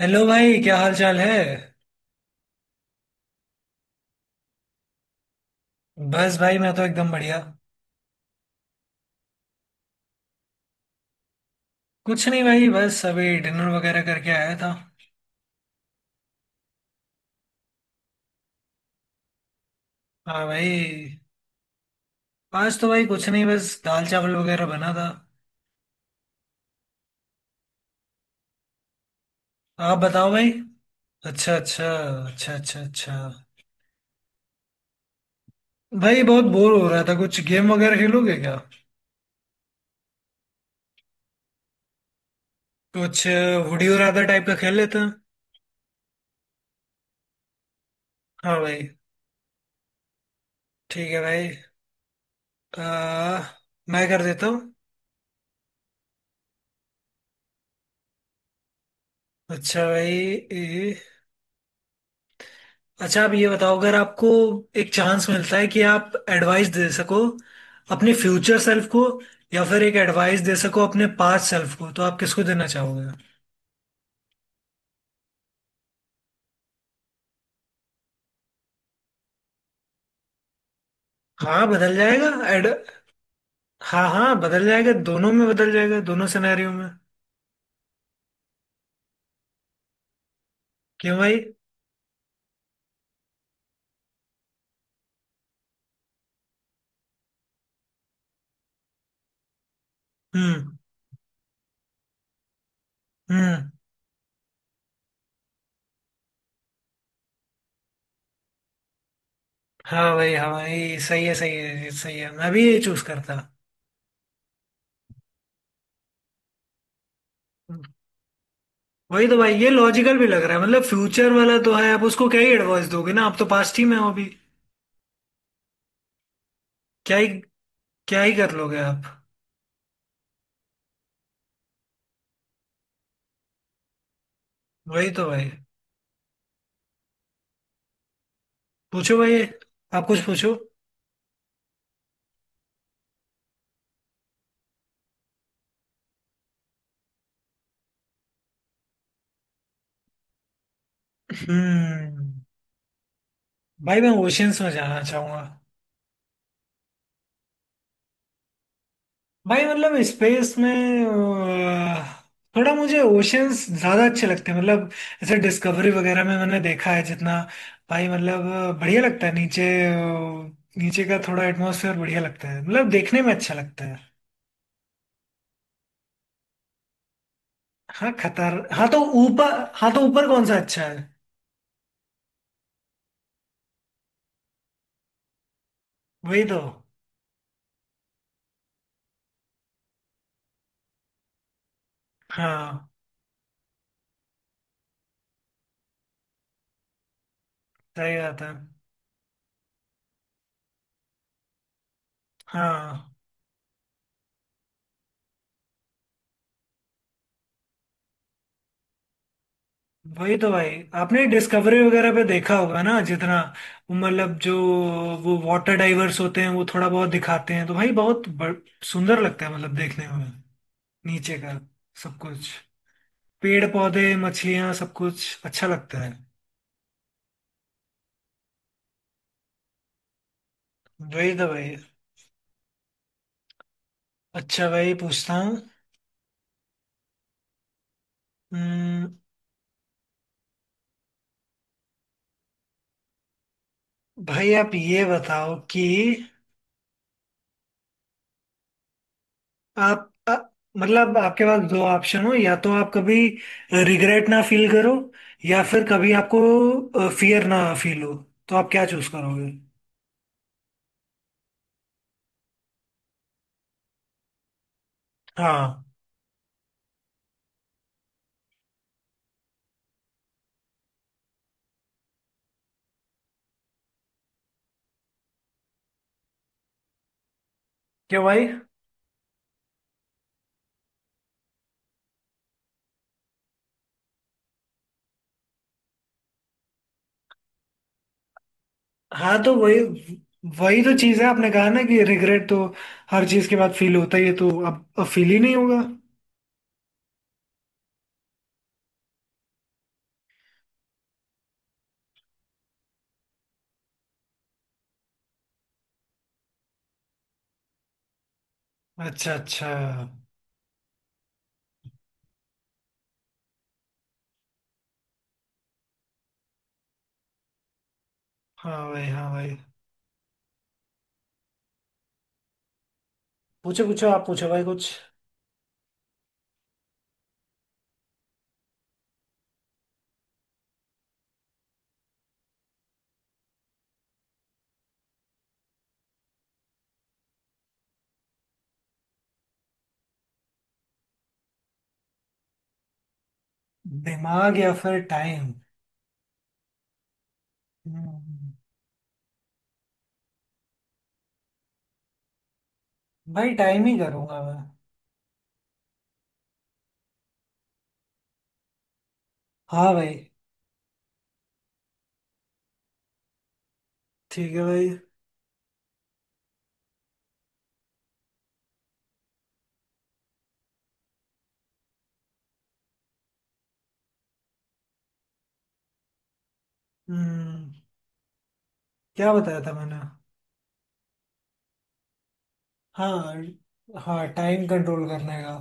Hello भाई, क्या हाल चाल है। बस भाई, मैं तो एकदम बढ़िया। कुछ नहीं भाई, बस अभी डिनर वगैरह करके आया था। हाँ भाई। आज तो भाई कुछ नहीं, बस दाल चावल वगैरह बना था। आप बताओ भाई। अच्छा अच्छा। अच्छा अच्छा अच्छा। भाई बहुत बोर हो रहा था, कुछ गेम वगैरह खेलोगे क्या? कुछ वुडी और राधा टाइप का खेल लेते हैं। हाँ भाई। ठीक है भाई। आ, मैं कर देता हूँ। अच्छा भाई। ए, अच्छा आप ये बताओ, अगर आपको एक चांस मिलता है कि आप एडवाइस दे सको अपने फ्यूचर सेल्फ को, या फिर एक एडवाइस दे सको अपने पास्ट सेल्फ को, तो आप किसको देना चाहोगे? हाँ बदल जाएगा। एड हाँ हाँ, बदल जाएगा, दोनों में बदल जाएगा, दोनों सिनेरियो में। क्यों भाई? हम्म। हम्म। हाँ भाई, हाँ भाई, सही है सही है सही है, मैं भी ये चूज करता। वही तो भाई, ये लॉजिकल भी लग रहा है। मतलब फ्यूचर वाला तो है, आप उसको क्या ही एडवाइस दोगे ना, आप तो पास्ट ही में हो अभी। क्या ही, क्या ही कर लोगे आप। वही तो भाई। पूछो भाई, आप कुछ पूछो। हम्म। भाई मैं ओशियंस में जाना चाहूंगा। भाई मतलब स्पेस में थोड़ा मुझे ओशियंस ज्यादा अच्छे लगते हैं। मतलब जैसे डिस्कवरी वगैरह में मैंने देखा है जितना, भाई मतलब बढ़िया लगता है नीचे, नीचे का थोड़ा एटमॉस्फेयर बढ़िया लगता है, मतलब देखने में अच्छा लगता है। हाँ, खतर हाँ तो ऊपर, हाँ तो ऊपर कौन सा अच्छा है? वही तो। हाँ, सही बात है। हाँ, वही तो भाई। आपने डिस्कवरी वगैरह पे देखा होगा ना जितना, मतलब जो वो वाटर डाइवर्स होते हैं वो थोड़ा बहुत दिखाते हैं, तो भाई बहुत सुंदर लगता है, मतलब देखने में, नीचे का सब कुछ, पेड़ पौधे मछलियां, सब कुछ अच्छा लगता है। वही तो भाई। अच्छा भाई पूछता हूँ। हम्म, भाई आप ये बताओ कि, आप मतलब आपके पास दो ऑप्शन हो, या तो आप कभी रिग्रेट ना फील करो, या फिर कभी आपको फियर ना फील हो, तो आप क्या चूज करोगे? हाँ। क्यों भाई? हाँ तो वही, वही तो चीज है, आपने कहा ना कि रिग्रेट तो हर चीज के बाद फील होता ही है, तो अब फील ही नहीं होगा। अच्छा अच्छा। हाँ भाई, हाँ भाई। पूछो पूछो, आप पूछो भाई कुछ। दिमाग या फिर टाइम? हम्म। भाई टाइम ही करूंगा मैं। हाँ भाई। ठीक है भाई। हम्म। क्या बताया था मैंने? हाँ, हाँ टाइम कंट्रोल करने का।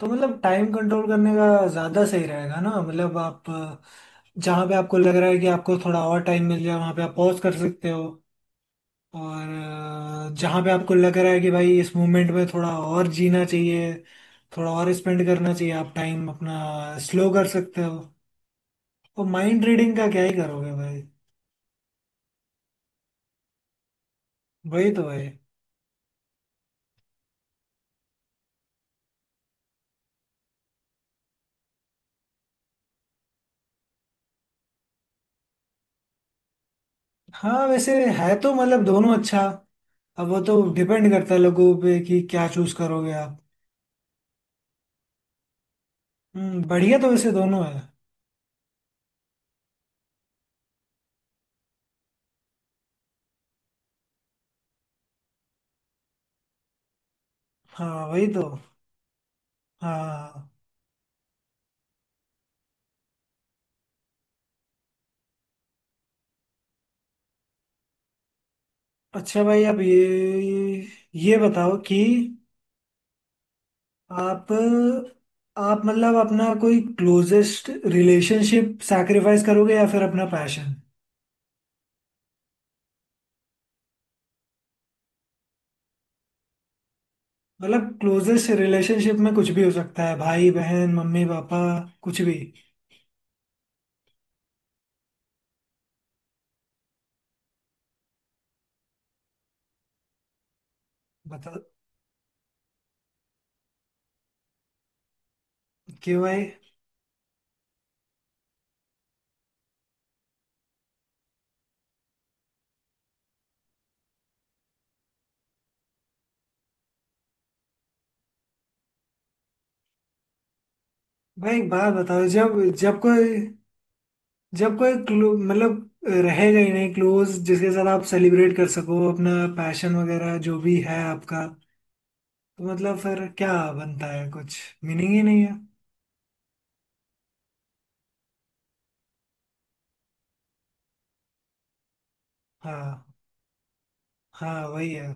तो मतलब टाइम कंट्रोल करने का ज़्यादा सही रहेगा ना। मतलब आप जहाँ पे आपको लग रहा है कि आपको थोड़ा और टाइम मिल जाए, वहाँ पे आप पॉज कर सकते हो, और जहाँ पे आपको लग रहा है कि भाई इस मोमेंट में थोड़ा और जीना चाहिए, थोड़ा और स्पेंड करना चाहिए, आप टाइम अपना स्लो कर सकते हो। तो माइंड रीडिंग का क्या ही करोगे भाई। वही तो भाई। हाँ वैसे है तो, मतलब दोनों अच्छा। अब वो तो डिपेंड करता है लोगों पे कि क्या चूज करोगे आप। हम्म, बढ़िया, तो वैसे दोनों है। हाँ वही तो। हाँ। अच्छा भाई आप ये बताओ कि आप आप मतलब अपना कोई क्लोजेस्ट रिलेशनशिप सैक्रिफाइस करोगे, या फिर अपना पैशन? मतलब क्लोजेस्ट रिलेशनशिप में कुछ भी हो सकता है, भाई बहन मम्मी पापा, कुछ भी। बता। क्यों भाई? भाई एक बात बताओ, जब जब कोई, जब कोई क्लो मतलब रहेगा ही नहीं, क्लोज जिसके साथ आप सेलिब्रेट कर सको अपना पैशन वगैरह जो भी है आपका, तो मतलब फिर क्या बनता है, कुछ मीनिंग ही नहीं है। हाँ। हाँ वही है।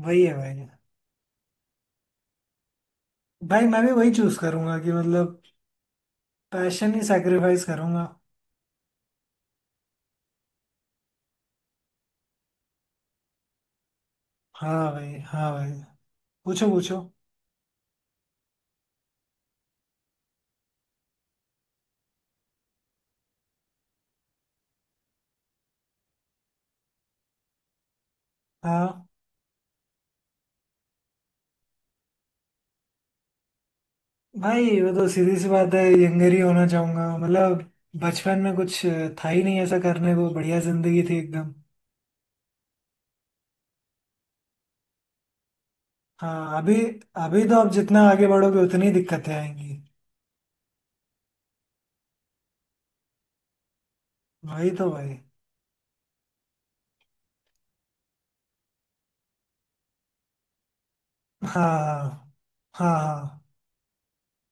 वही है भाई। भाई मैं भी वही चूज करूंगा कि मतलब पैशन ही सैक्रिफाइस करूंगा। हाँ भाई, हाँ भाई। पूछो पूछो। हाँ भाई, वो तो सीधी सी बात है, यंगर ही होना चाहूंगा। मतलब बचपन में कुछ था ही नहीं ऐसा करने को, बढ़िया जिंदगी थी एकदम। हाँ अभी अभी तो आप जितना आगे बढ़ोगे, उतनी दिक्कतें आएंगी। वही तो भाई। हाँ हाँ हाँ। हाँ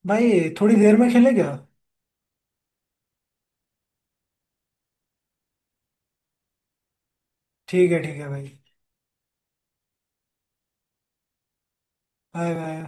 भाई, थोड़ी देर में खेले क्या? ठीक है भाई। Bye bye.